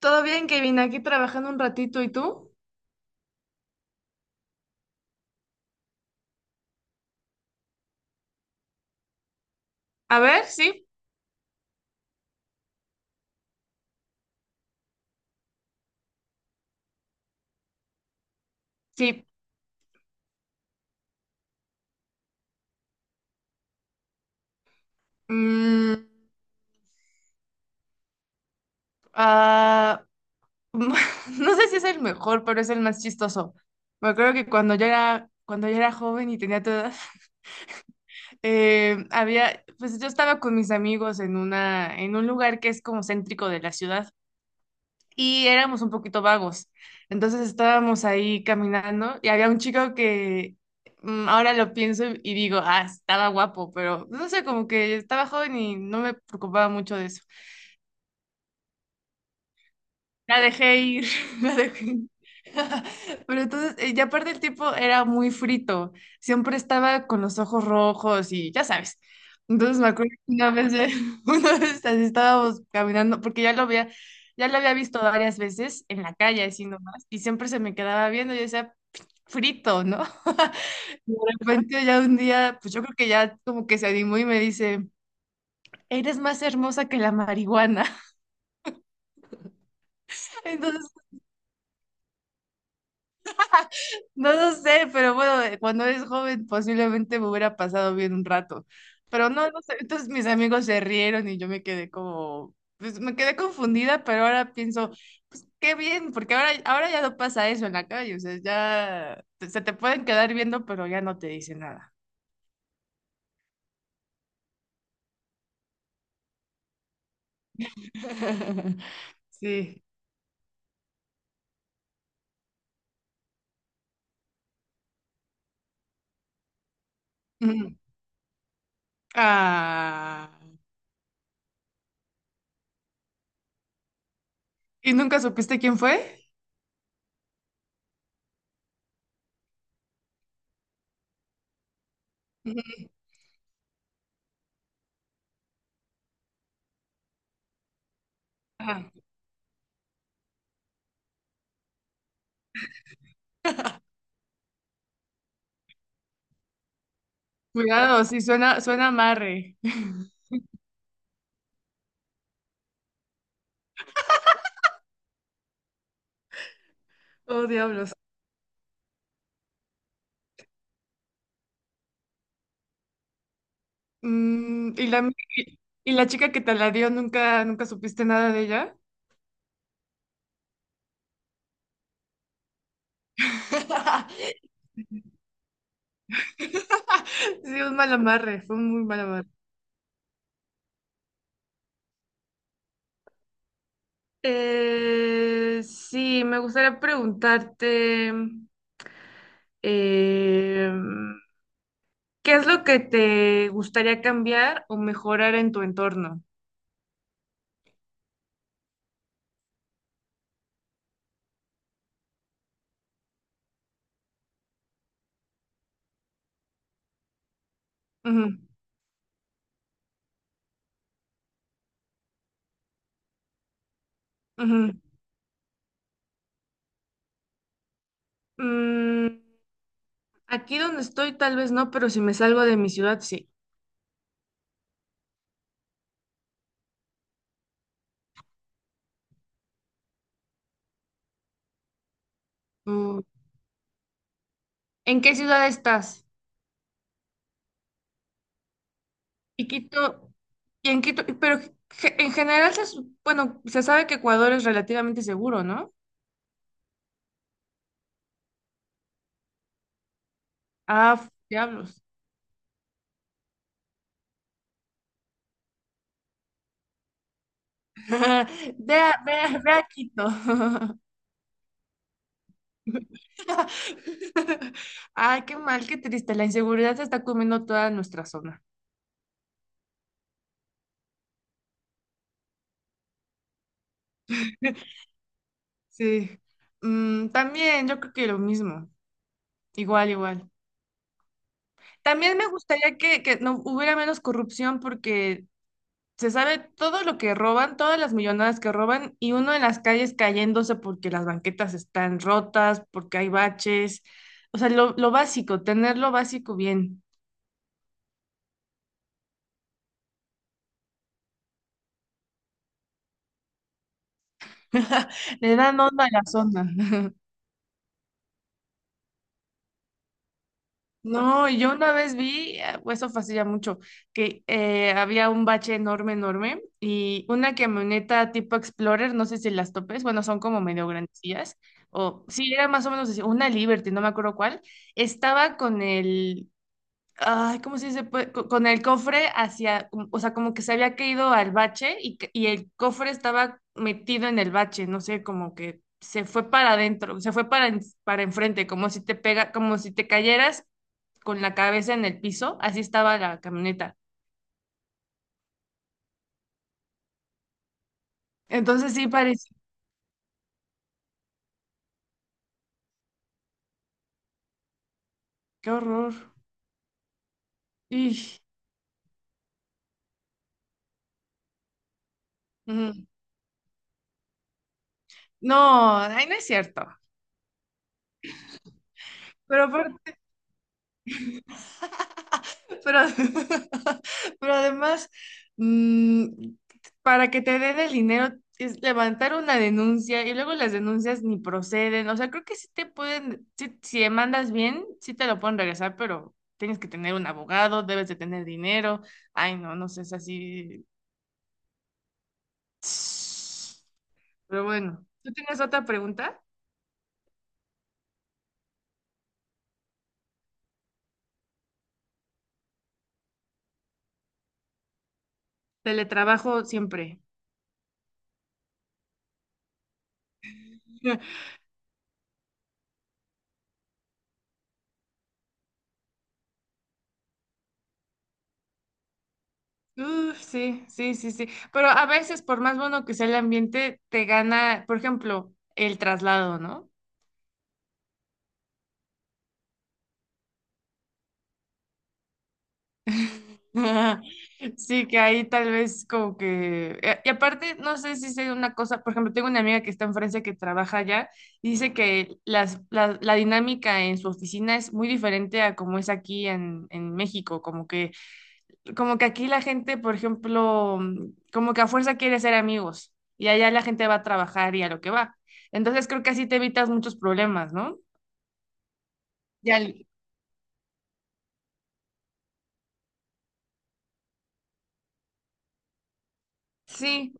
Todo bien, Kevin, aquí trabajando un ratito. ¿Y tú? A ver, sí, sí. Mm, ah, no sé si es el mejor, pero es el más chistoso. Me acuerdo que cuando yo era joven y tenía tu edad, había, pues yo estaba con mis amigos en un lugar que es como céntrico de la ciudad. Y éramos un poquito vagos. Entonces estábamos ahí caminando y había un chico que ahora lo pienso y digo, ah, estaba guapo, pero no sé, como que estaba joven y no me preocupaba mucho de eso. La dejé ir, la dejé ir. Pero entonces, ya aparte el tiempo era muy frito, siempre estaba con los ojos rojos y ya sabes. Entonces me acuerdo que una vez, una vez así estábamos caminando, porque ya lo había visto varias veces en la calle, así nomás, y siempre se me quedaba viendo y yo decía, frito, ¿no? Y de repente ya un día, pues yo creo que ya como que se animó y me dice, eres más hermosa que la marihuana. Entonces no lo sé, pero bueno, cuando eres joven posiblemente me hubiera pasado bien un rato, pero no, no sé, entonces mis amigos se rieron y yo me quedé como, pues me quedé confundida, pero ahora pienso, pues qué bien, porque ahora ya no pasa eso en la calle, o sea, ya te- se te pueden quedar viendo, pero ya no te dicen nada. Sí. Ujú. Ah, ¿y nunca supiste quién fue? Ujú. Ah, cuidado, sí, suena amarre. Oh, diablos. Mm, ¿y la chica que te la dio, nunca supiste nada de ella? Sí, un mal amarre, fue un muy mal amarre. Sí, me gustaría preguntarte, eh, ¿qué es lo que te gustaría cambiar o mejorar en tu entorno? Ujú, ujú. Mm, aquí donde estoy, tal vez no, pero si me salgo de mi ciudad, sí. Mm, ¿en qué ciudad estás? Y Quito, y en Quito, pero ge- en general se, su- bueno, se sabe que Ecuador es relativamente seguro, ¿no? Ah, f- diablos. Ve a- ve a Quito. Ay, qué mal, qué triste. La inseguridad se está comiendo toda nuestra zona. Sí. Mm, también yo creo que lo mismo. Igual, igual. También me gustaría que no hubiera menos corrupción, porque se sabe todo lo que roban, todas las millonadas que roban y uno en las calles cayéndose porque las banquetas están rotas, porque hay baches. O sea, lo básico, tener lo básico bien. Le dan onda a la zona. No, y yo una vez vi, pues eso fue hace ya mucho, que había un bache enorme, enorme y una camioneta tipo Explorer, no sé si las topes, bueno, son como medio grandecillas, o sí, era más o menos así, una Liberty, no me acuerdo cuál, estaba con el, ay, ¿cómo se dice? Pues, co- con el cofre hacia, o sea, como que se había caído al bache y, que- y el cofre estaba metido en el bache, no sé, como que se fue para adentro, se fue para, en- para enfrente, como si te pega, como si te cayeras con la cabeza en el piso, así estaba la camioneta. Entonces sí parece, qué horror. Y, no, ay, no es cierto. Pero Pero, pero además, mm, para que te den el dinero es levantar una denuncia y luego las denuncias ni proceden. O sea, creo que sí te pueden, sí- si demandas bien, sí te lo pueden regresar, pero tienes que tener un abogado, debes de tener dinero. Ay, no, no sé, es así. Pero bueno, ¿tú tienes otra pregunta? Teletrabajo siempre. Uf, sí, sí, sí, sí. Pero a veces, por más bueno que sea el ambiente, te gana, por ejemplo, el traslado, ¿no? Sí, que ahí tal vez como que... Y y aparte, no sé si sea una cosa, por ejemplo, tengo una amiga que está en Francia que trabaja allá y dice que la dinámica en su oficina es muy diferente a como es aquí en México, como que aquí la gente, por ejemplo, como que a fuerza quiere ser amigos y allá la gente va a trabajar y a lo que va. Entonces creo que así te evitas muchos problemas, ¿no? Ya, el- sí,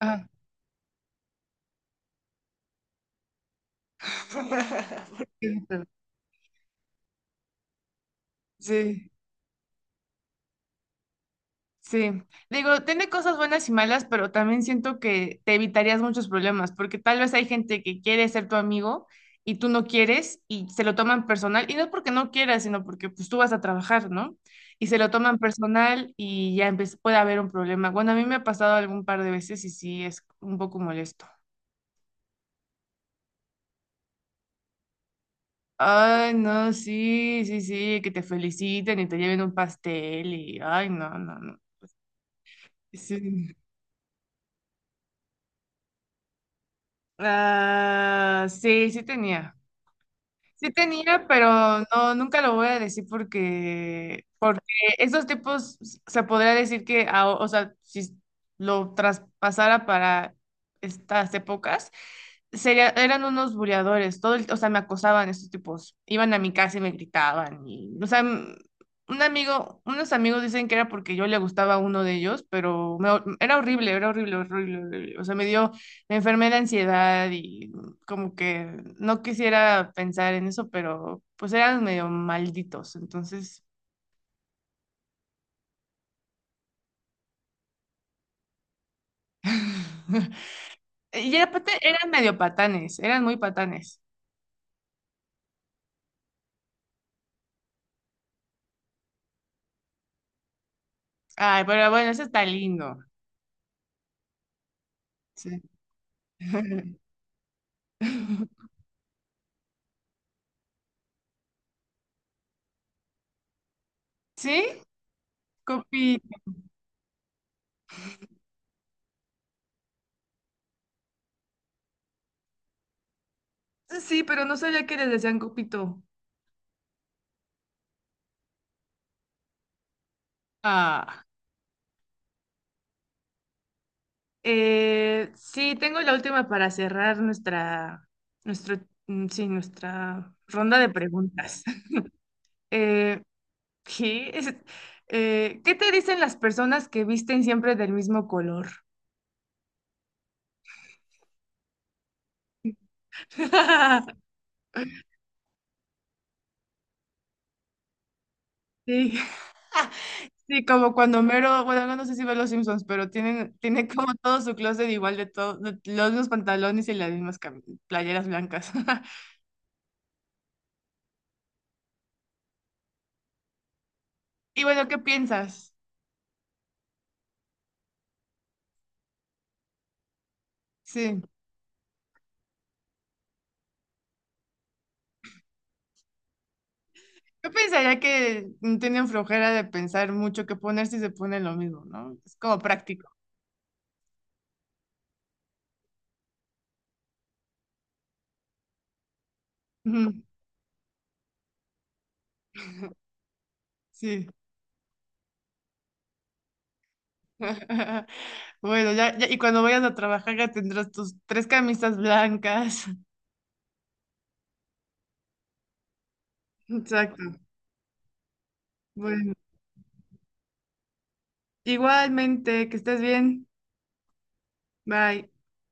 ajá, sí, sí. Sí, digo, tiene cosas buenas y malas, pero también siento que te evitarías muchos problemas, porque tal vez hay gente que quiere ser tu amigo y tú no quieres y se lo toman personal, y no es porque no quieras, sino porque pues tú vas a trabajar, ¿no? Y se lo toman personal y ya empe- puede haber un problema. Bueno, a mí me ha pasado algún par de veces y sí, es un poco molesto. Ay, no, sí, sí, sí, que te feliciten y te lleven un pastel y, ay, no, no, no. Sí. Ah, sí, sí tenía. Sí tenía, pero no, nunca lo voy a decir, porque porque esos tipos se podría decir que, a- o sea, si lo traspasara para estas épocas, sería, eran unos buleadores, todo el- o sea, me acosaban estos tipos, iban a mi casa y me gritaban, y, o sea, m- un amigo, unos amigos dicen que era porque yo le gustaba a uno de ellos, pero me- era horrible, horrible, horrible, o sea, me dio, me enfermé de ansiedad como que no quisiera pensar en eso, pero pues eran medio malditos, entonces... Y aparte eran medio patanes, eran muy patanes. Ay, pero bueno, eso está lindo. Sí. ¿Sí? Copi. Sí, pero no sabía que les decían copito. Ah. Sí, tengo la última para cerrar nuestra, nuestro, sí, nuestra ronda de preguntas. Eh, ¿qué? Es- ¿qué te dicen las personas que visten siempre del mismo color? Sí, sí, como cuando Homero, bueno, no sé si ve los Simpsons, pero tienen, tiene como todo su closet igual de todo, de los mismos pantalones y las mismas cam- playeras blancas. Y bueno, ¿qué piensas? Sí. Yo pensaría que tienen flojera de pensar mucho qué poner si se ponen lo mismo, ¿no? Es como práctico. Ujú, sí. Bueno, ya, ya- y cuando vayas a trabajar ya tendrás tus tres camisas blancas. Exacto. Bueno, igualmente, que estés bien. Bye.